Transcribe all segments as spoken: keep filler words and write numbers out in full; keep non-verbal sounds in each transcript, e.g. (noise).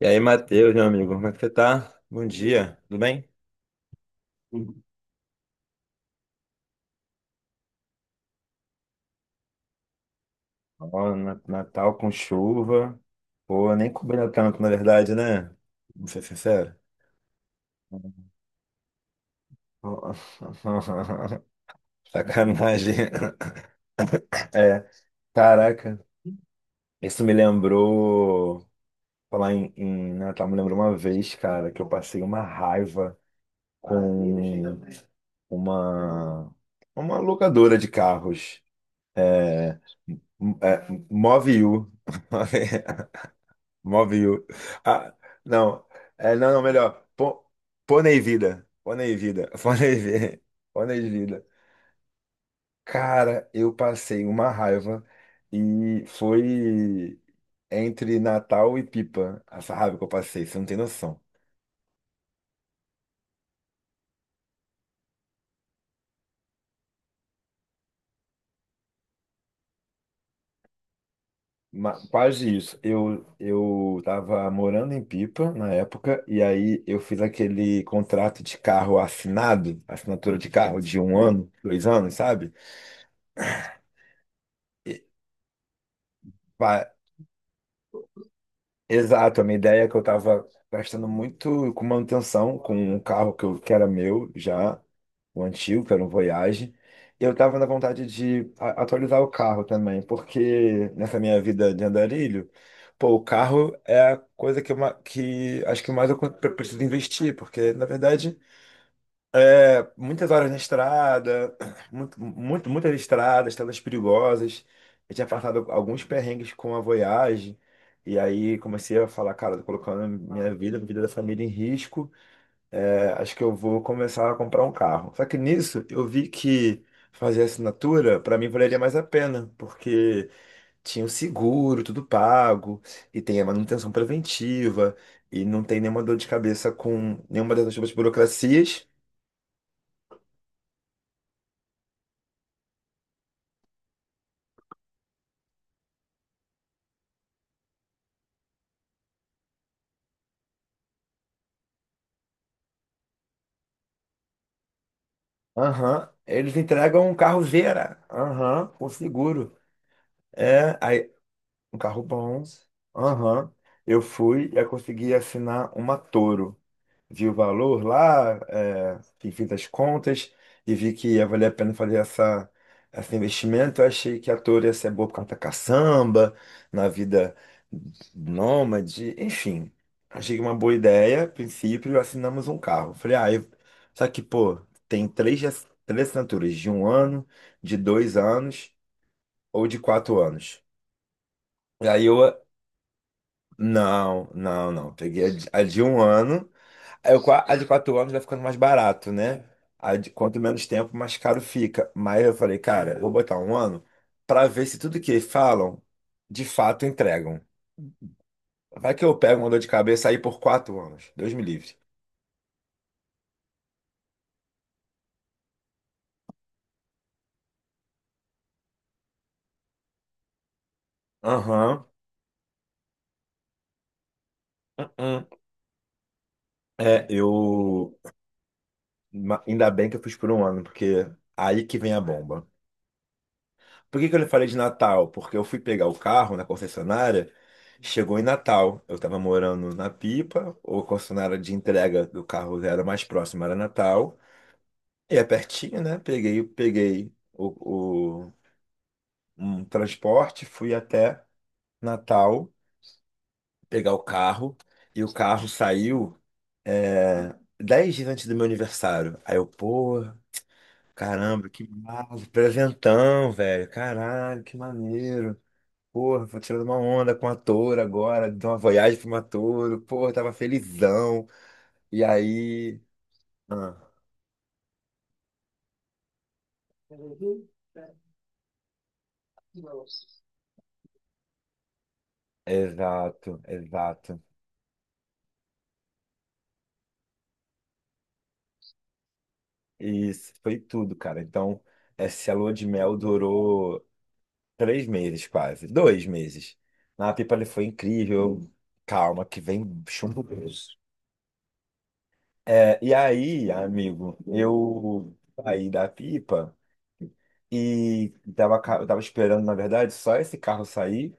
E aí, Matheus, meu amigo, como é que você tá? Bom dia, tudo bem? Ó, na- Natal com chuva. Pô, nem cobriu tanto, na verdade, né? Vou ser sincero. Ó, (laughs) sacanagem. É, caraca. Isso me lembrou. Falar em, em Natal, me lembrou uma vez, cara, que eu passei uma raiva com uma, uma locadora de carros. É, m- é, Move You. (laughs) Móvel. Ah, não. É, não, não, melhor. Po- Pônei vida. Pônei vida. (laughs) Pônei vida. Pônei vida. Cara, eu passei uma raiva e foi entre Natal e Pipa essa raiva que eu passei, você não tem noção. Ma- quase isso. Eu, eu tava morando em Pipa na época, e aí eu fiz aquele contrato de carro assinado, assinatura de carro de um ano, dois anos, sabe? Exato, a minha ideia é que eu estava gastando muito com manutenção, com um carro que, eu, que era meu já, o antigo, que era um Voyage, e eu estava na vontade de a- atualizar o carro também, porque nessa minha vida de andarilho, pô, o carro é a coisa que, eu, ma- que acho que mais eu pre- preciso investir, porque na verdade muitas horas na estrada, muito, muito, muitas estradas, estradas perigosas. Eu tinha passado alguns perrengues com a Voyage. E aí comecei a falar, cara, tô colocando minha vida, a vida da família em risco. É, acho que eu vou começar a comprar um carro. Só que nisso eu vi que fazer assinatura, para mim, valeria mais a pena, porque tinha o seguro, tudo pago, e tem a manutenção preventiva, e não tem nenhuma dor de cabeça com nenhuma dessas outras burocracias. Aham. Eles entregam um carro Vera. Aham, com seguro. É, aí, um carro bom. Aham. Eu fui e eu consegui assinar uma Toro, vi o valor lá, é, e fiz as contas e vi que ia valer a pena fazer essa, esse investimento. Eu achei que a Toro ia ser boa por causa da caçamba, na vida nômade, enfim. Achei uma boa ideia. A princípio, assinamos um carro. Falei, ah, eu... só que, pô, tem três, ass- três assinaturas, de um ano, de dois anos ou de quatro anos. E aí eu, não, não, não. Peguei a de a de um ano. É, o qua- A de quatro anos vai ficando mais barato, né? A de quanto menos tempo, mais caro fica. Mas eu falei, cara, eu vou botar um ano pra ver se tudo que falam, de fato entregam. Vai que eu pego uma dor de cabeça aí por quatro anos. Deus me livre. Aham. Uhum. É, eu. ma- Ainda bem que eu fiz por um ano, porque aí que vem a bomba. Por que que eu lhe falei de Natal? Porque eu fui pegar o carro na concessionária, chegou em Natal. Eu estava morando na Pipa, o concessionária de entrega do carro era mais próximo, era Natal. E é pertinho, né? Peguei, peguei o, o- um transporte, fui até Natal pegar o carro. E o carro saiu é, dez dias antes do meu aniversário. Aí eu, pô, caramba, que massa, presentão, velho. Caralho, que maneiro. Porra, tô tirando uma onda com a Touro agora, de uma viagem pra uma Touro. Porra, tava felizão. E aí. Ah, exato, exato. E Isso, foi tudo, cara. Então, essa lua de mel durou três meses, quase. Dois meses. Na Pipa ele foi incrível. Calma, que vem chumbo grosso. É, e aí, amigo, eu saí da Pipa. E tava, ca- eu tava esperando, na verdade, só esse carro sair.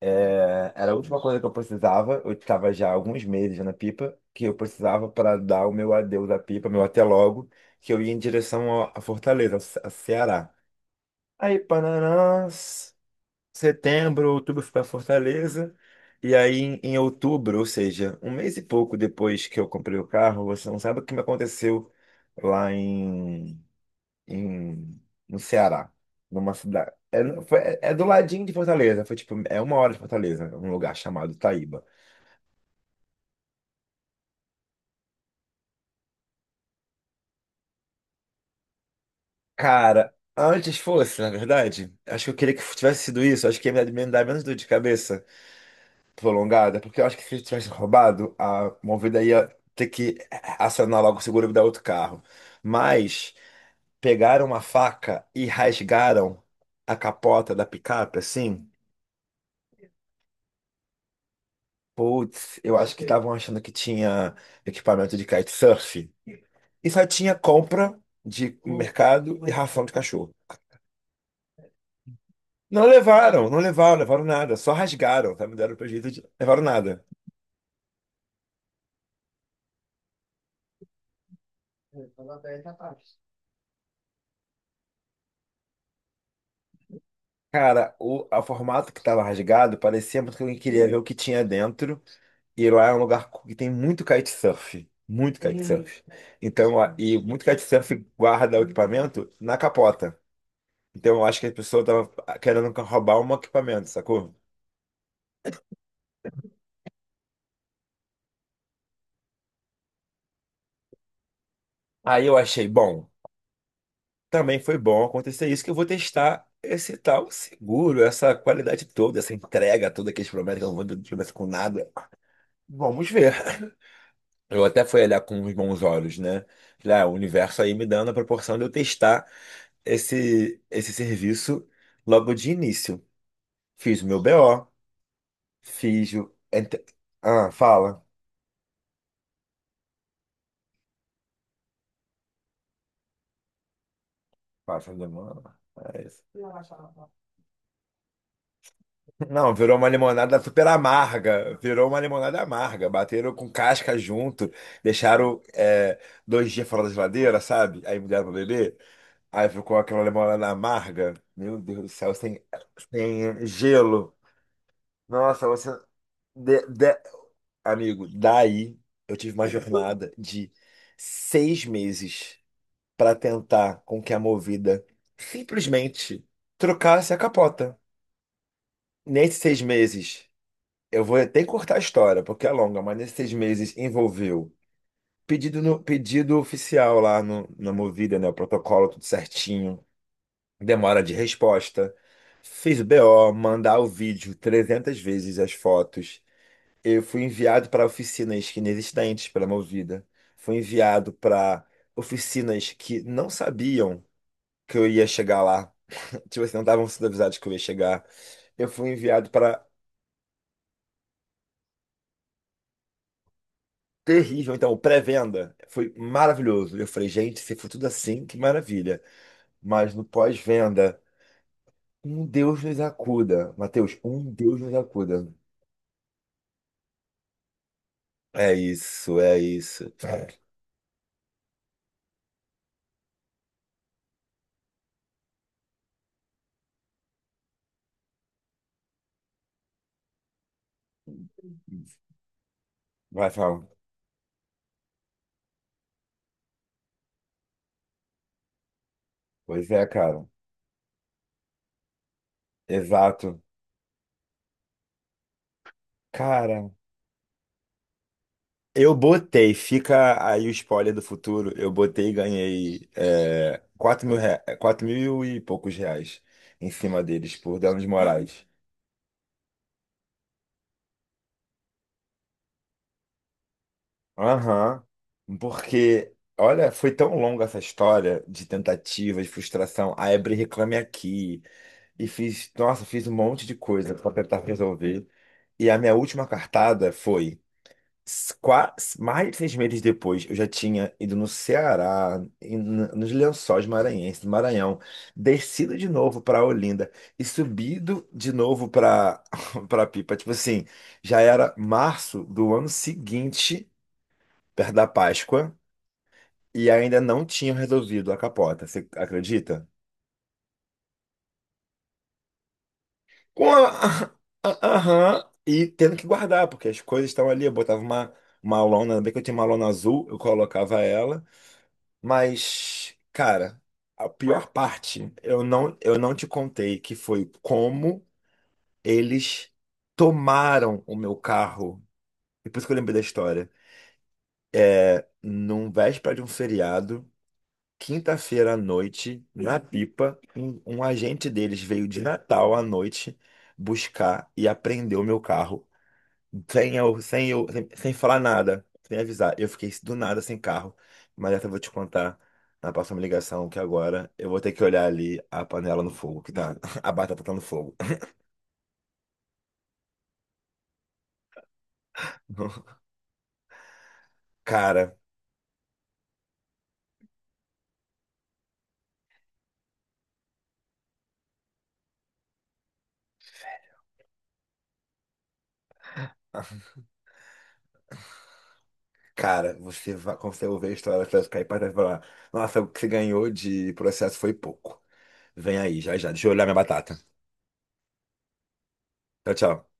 É, era a última coisa que eu precisava. Eu estava já há alguns meses na Pipa, que eu precisava para dar o meu adeus à Pipa, meu até logo, que eu ia em direção ao- à Fortaleza, ao Ce- a Ceará. Aí, Panará, setembro, outubro, eu fui para Fortaleza. E aí, em, em outubro, ou seja, um mês e pouco depois que eu comprei o carro, você não sabe o que me aconteceu lá em, no Ceará, numa cidade. É, no- foi- é- é do ladinho de Fortaleza, foi tipo, é uma hora de Fortaleza, um lugar chamado Taíba. Cara, antes fosse, na verdade, acho que eu queria que tivesse sido isso, acho que ia me me dar menos dor de cabeça prolongada, porque eu acho que se ele tivesse roubado, a Movida ia ter que acionar logo o seguro e me dar outro carro. Mas pegaram uma faca e rasgaram a capota da picape, assim. Putz, eu acho que estavam achando que tinha equipamento de kitesurf. E só tinha compra de mercado e ração de cachorro. Não levaram, não levaram, levaram nada. Só rasgaram, sabe? Deram pra jeito de... Levaram nada. Cara, o a formato que tava rasgado parecia muito que alguém queria ver o que tinha dentro. E lá é um lugar que tem muito kitesurf. Muito kitesurf. Então, a- e muito kitesurf guarda o equipamento na capota. Então, eu acho que a pessoa tava querendo roubar um equipamento, sacou? Aí eu achei, bom, também foi bom acontecer isso, que eu vou testar esse tal seguro, essa qualidade toda, essa entrega toda que eles prometem, que eu não vou promessa com nada. Vamos ver. Eu até fui olhar com os bons olhos, né? Falei, ah, o universo aí me dando a proporção de eu testar esse, esse serviço logo de início. Fiz o meu B O, fiz o. ent- Ah, fala. Passa demanda. É isso. Não, virou uma limonada super amarga. Virou uma limonada amarga. Bateram com casca junto. Deixaram é, dois dias fora da geladeira, sabe? Aí me deram pra beber. Aí ficou aquela limonada amarga. Meu Deus do céu, sem, sem gelo. Nossa, você. de- de- Amigo, daí eu tive uma jornada de seis meses pra tentar com que a Movida simplesmente trocasse a capota. Nesses seis meses. Eu vou até cortar a história, porque é longa, mas nesses seis meses envolveu pedido, no, pedido oficial lá no, na Movida, né? O protocolo tudo certinho, demora de resposta. Fiz o B O, mandar o vídeo trezentas vezes, as fotos. Eu fui enviado para oficinas que inexistentes pela Movida. Fui enviado para oficinas que não sabiam que eu ia chegar lá. (laughs) Tipo assim, não estavam sendo avisados que eu ia chegar. Eu fui enviado para Terrível, então, o pré-venda foi maravilhoso. Eu falei, gente, se for tudo assim, que maravilha. Mas no pós-venda, um Deus nos acuda. Mateus, um Deus nos acuda. É isso, é isso. Vai falar. Pois é, cara. Exato. Cara, eu botei, fica aí o spoiler do futuro. Eu botei e ganhei é, quatro mil, rea- quatro mil e poucos reais em cima deles por danos morais. Aham, porque, olha, foi tão longa essa história de tentativa, de frustração. A Ebre Reclame Aqui, e fiz, nossa, fiz um monte de coisa para tentar resolver. E a minha última cartada foi s- qua- mais de seis meses depois, eu já tinha ido no Ceará, em- n- nos Lençóis Maranhenses, no Maranhão, descido de novo para Olinda e subido de novo para para (laughs) Pipa. Tipo assim, já era março do ano seguinte, perto da Páscoa e ainda não tinham resolvido a capota, você acredita? Com a, (laughs) a- aham, e tendo que guardar, porque as coisas estão ali. Eu botava uma, uma lona, ainda bem que eu tinha uma lona azul, eu colocava ela, mas, cara, a pior parte, eu não, eu não te contei, que foi como eles tomaram o meu carro. E por isso que eu lembrei da história. É, num véspera de um feriado. Quinta-feira à noite, na Pipa, um, um agente deles veio de Natal à noite buscar e apreendeu meu carro, sem eu, sem eu, sem, sem falar nada, sem avisar. Eu fiquei do nada sem carro, mas essa eu vou te contar na próxima ligação, que agora eu vou ter que olhar ali a panela no fogo, que tá, (laughs) a batata tá no fogo. (laughs) Cara, cara, você vai, quando você ouvir a história, você vai cair para trás e falar, nossa, o que você ganhou de processo foi pouco. Vem aí, já já, deixa eu olhar minha batata. Tchau, tchau.